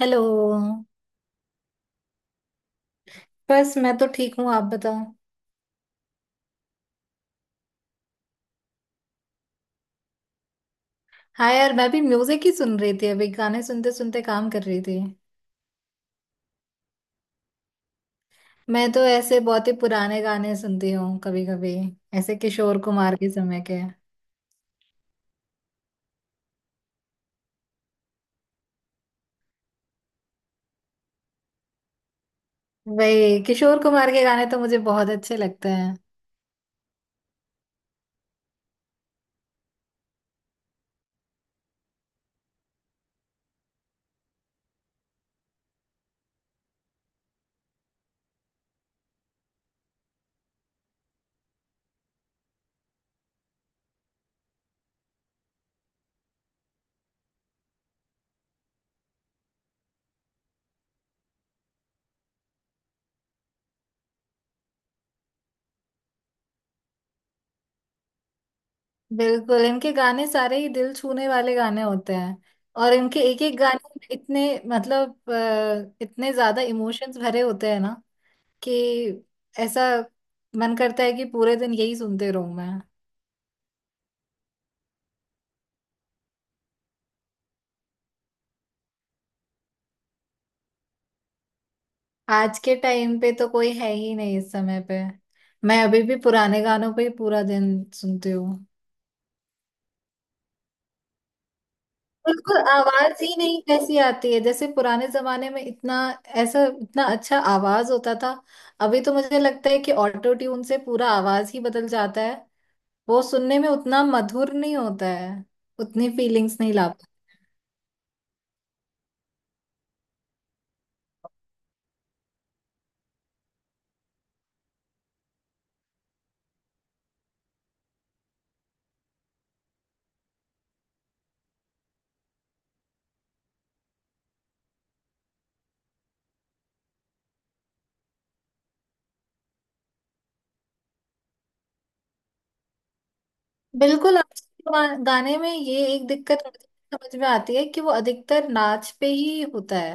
Hello. बस मैं तो ठीक हूँ, आप बताओ। हाँ यार, मैं भी म्यूजिक ही सुन रही थी। अभी गाने सुनते सुनते काम कर रही थी। मैं तो ऐसे बहुत ही पुराने गाने सुनती हूँ कभी कभी, ऐसे किशोर कुमार के समय के। वही किशोर कुमार के गाने तो मुझे बहुत अच्छे लगते हैं। बिल्कुल, इनके गाने सारे ही दिल छूने वाले गाने होते हैं। और इनके एक एक गाने में इतने मतलब इतने ज्यादा इमोशंस भरे होते हैं ना कि ऐसा मन करता है कि पूरे दिन यही सुनते रहूं मैं। आज के टाइम पे तो कोई है ही नहीं इस समय पे। मैं अभी भी पुराने गानों पे ही पूरा दिन सुनती हूँ। बिल्कुल, आवाज ही नहीं कैसी आती है, जैसे पुराने जमाने में इतना ऐसा इतना अच्छा आवाज होता था। अभी तो मुझे लगता है कि ऑटो ट्यून से पूरा आवाज ही बदल जाता है। वो सुनने में उतना मधुर नहीं होता है। उतनी फीलिंग्स नहीं ला। बिल्कुल, आजकल के गाने में ये एक दिक्कत मुझे समझ में आती है कि वो अधिकतर नाच पे ही होता है।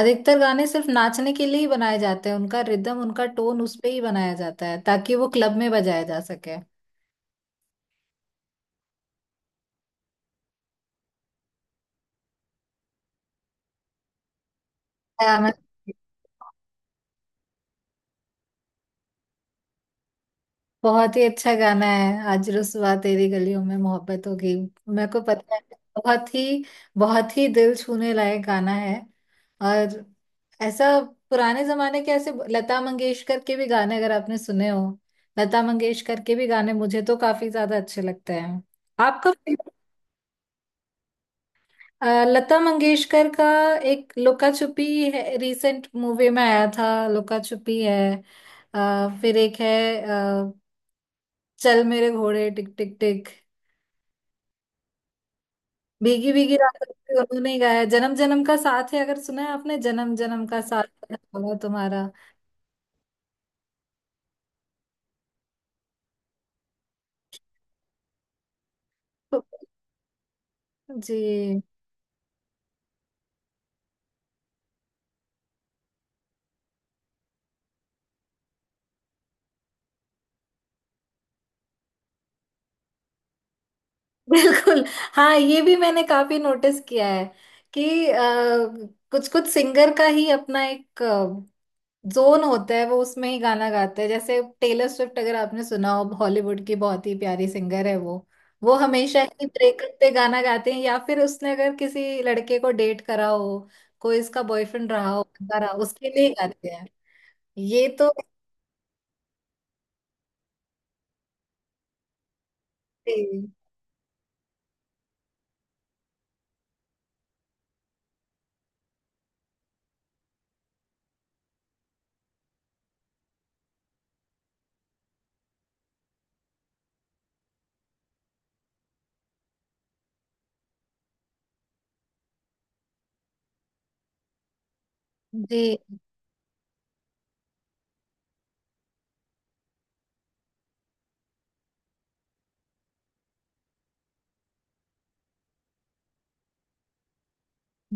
अधिकतर गाने सिर्फ नाचने के लिए ही बनाए जाते हैं। उनका रिदम उनका टोन उस पे ही बनाया जाता है ताकि वो क्लब में बजाया जा सके। हाँ, बहुत ही अच्छा गाना है। आज रुसवा तेरी गलियों में मोहब्बत होगी। मेरे को पता है। बहुत ही बहुत ही दिल छूने लायक गाना है। और ऐसा पुराने जमाने के ऐसे लता मंगेशकर के भी गाने अगर आपने सुने हो। लता मंगेशकर के भी गाने मुझे तो काफी ज्यादा अच्छे लगते हैं। आपका लता मंगेशकर का एक लुका छुपी है। रिसेंट मूवी में आया था लुका छुपी है। फिर एक है, अ, चल मेरे घोड़े टिक टिक टिक। भीगी भीगी रातों में उन्होंने ही गाया। जन्म जन्म का साथ है, अगर सुना है आपने जन्म जन्म का साथ। है होगा तुम्हारा। तो- जी। बिल्कुल। हाँ, ये भी मैंने काफी नोटिस किया है कि कुछ कुछ सिंगर का ही अपना एक जोन होता है, वो उसमें ही गाना गाते हैं। जैसे टेलर स्विफ्ट अगर आपने सुना हो, हॉलीवुड की बहुत ही प्यारी सिंगर है वो। वो हमेशा ही ब्रेकअप पे गाना गाते हैं, या फिर उसने अगर किसी लड़के को डेट करा हो, कोई इसका बॉयफ्रेंड रहा हो बंदा रहा हो, उसके लिए ही गाते हैं। ये तो जी।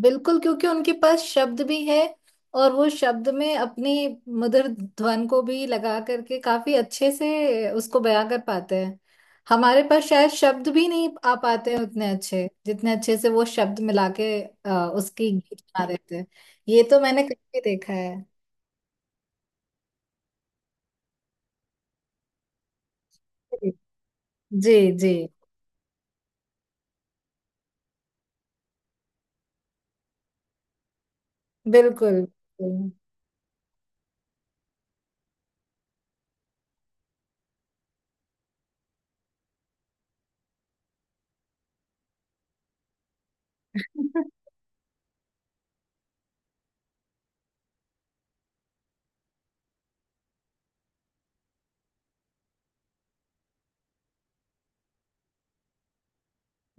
बिल्कुल, क्योंकि उनके पास शब्द भी है और वो शब्द में अपनी मधुर ध्वन को भी लगा करके काफी अच्छे से उसको बयां कर पाते हैं। हमारे पास शायद शब्द भी नहीं आ पाते हैं उतने अच्छे जितने अच्छे से वो शब्द मिला के उसकी गीत बना देते हैं। ये तो मैंने कभी देखा है। जी जी जी, बिल्कुल बिल्कुल।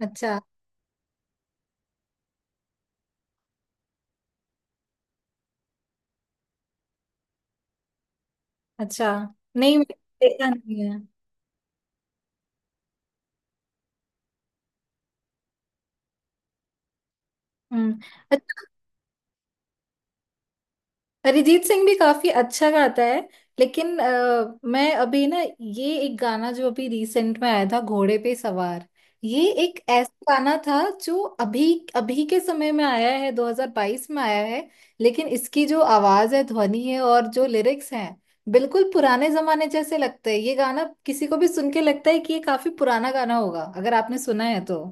अच्छा। अच्छा, नहीं मैंने देखा नहीं है। हम्म। अरिजीत सिंह भी काफी अच्छा गाता है, लेकिन मैं अभी ना ये एक गाना जो अभी रिसेंट में आया था, घोड़े पे सवार। ये एक ऐसा गाना था जो अभी अभी के समय में आया है, 2022 में आया है। लेकिन इसकी जो आवाज है, ध्वनि है, और जो लिरिक्स हैं, बिल्कुल पुराने जमाने जैसे लगते हैं। ये गाना किसी को भी सुन के लगता है कि ये काफी पुराना गाना होगा, अगर आपने सुना है तो।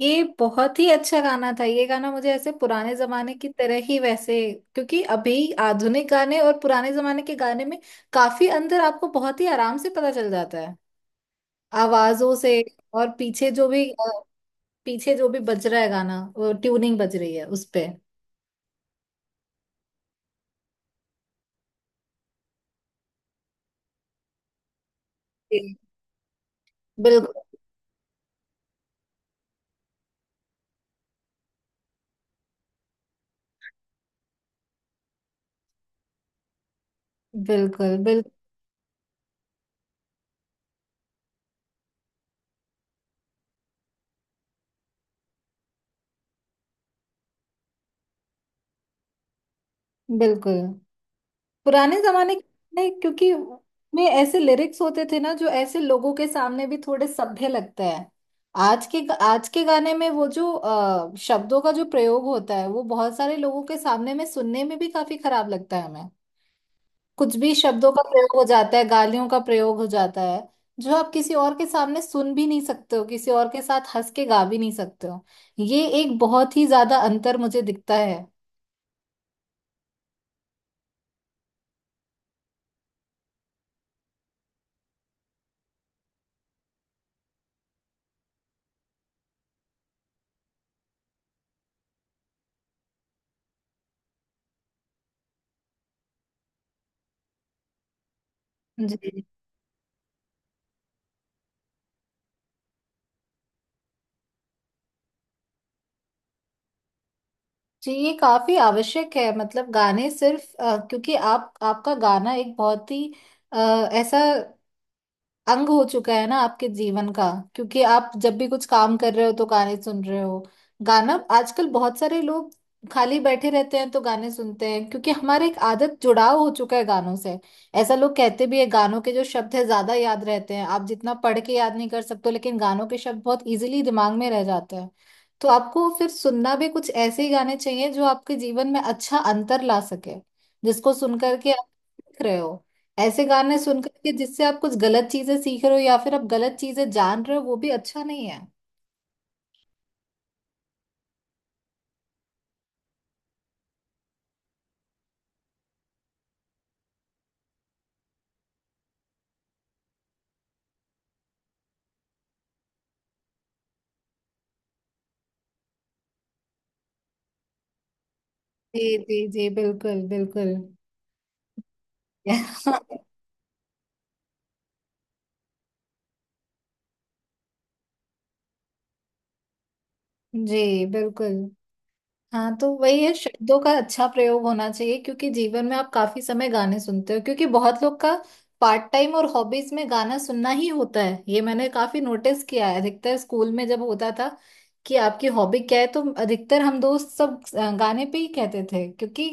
ये बहुत ही अच्छा गाना था। ये गाना मुझे ऐसे पुराने जमाने की तरह ही वैसे, क्योंकि अभी आधुनिक गाने और पुराने जमाने के गाने में काफी अंतर आपको बहुत ही आराम से पता चल जाता है आवाजों से। और पीछे जो भी पीछे जो भी बज रहा है गाना, वो ट्यूनिंग बज रही है उस पे। जी। बिल्कुल बिल्कुल। बिल्कुल। बिल्कुल पुराने जमाने के, नहीं, क्योंकि में ऐसे लिरिक्स होते थे ना जो ऐसे लोगों के सामने भी थोड़े सभ्य लगते हैं। आज के आज के गाने में वो जो शब्दों का जो प्रयोग होता है वो बहुत सारे लोगों के सामने में सुनने में भी काफी खराब लगता है हमें। कुछ भी शब्दों का प्रयोग हो जाता है, गालियों का प्रयोग हो जाता है, जो आप किसी और के सामने सुन भी नहीं सकते हो, किसी और के साथ हंस के गा भी नहीं सकते हो। ये एक बहुत ही ज्यादा अंतर मुझे दिखता है। जी। जी, ये काफी आवश्यक है। मतलब गाने सिर्फ क्योंकि आप आपका गाना एक बहुत ही अ, ऐसा अंग हो चुका है ना आपके जीवन का। क्योंकि आप जब भी कुछ काम कर रहे हो तो गाने सुन रहे हो। गाना आजकल बहुत सारे लोग खाली बैठे रहते हैं तो गाने सुनते हैं, क्योंकि हमारा एक आदत जुड़ाव हो चुका है गानों से। ऐसा लोग कहते भी है गानों के जो शब्द है ज्यादा याद रहते हैं, आप जितना पढ़ के याद नहीं कर सकते हो, लेकिन गानों के शब्द बहुत इजीली दिमाग में रह जाते हैं। तो आपको फिर सुनना भी कुछ ऐसे ही गाने चाहिए जो आपके जीवन में अच्छा अंतर ला सके, जिसको सुन करके आप सीख रहे हो। ऐसे गाने सुनकर के जिससे आप कुछ गलत चीजें सीख रहे हो या फिर आप गलत चीजें जान रहे हो वो भी अच्छा नहीं है। जी जी जी, बिल्कुल बिल्कुल। जी बिल्कुल। हाँ, तो वही है शब्दों का अच्छा प्रयोग होना चाहिए, क्योंकि जीवन में आप काफी समय गाने सुनते हो। क्योंकि बहुत लोग का पार्ट टाइम और हॉबीज में गाना सुनना ही होता है। ये मैंने काफी नोटिस किया है, अधिकतर स्कूल में जब होता था कि आपकी हॉबी क्या है, तो अधिकतर हम दोस्त सब गाने पे ही कहते थे। क्योंकि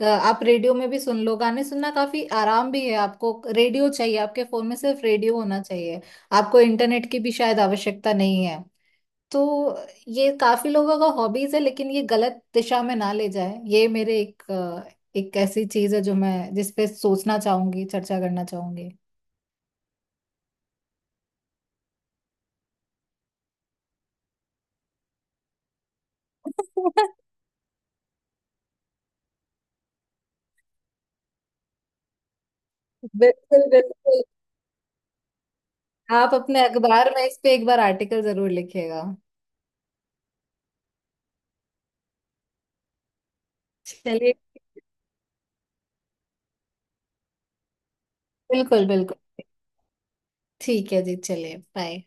आप रेडियो में भी सुन लो, गाने सुनना काफी आराम भी है। आपको रेडियो चाहिए आपके फोन में, सिर्फ रेडियो होना चाहिए, आपको इंटरनेट की भी शायद आवश्यकता नहीं है। तो ये काफी लोगों का हॉबीज है, लेकिन ये गलत दिशा में ना ले जाए, ये मेरे एक एक ऐसी चीज है जो मैं जिस पे सोचना चाहूंगी, चर्चा करना चाहूंगी। बिल्कुल बिल्कुल। आप अपने अखबार में इस पे एक बार आर्टिकल जरूर लिखिएगा। चलिए। बिल्कुल बिल्कुल। ठीक है जी, चलिए, बाय।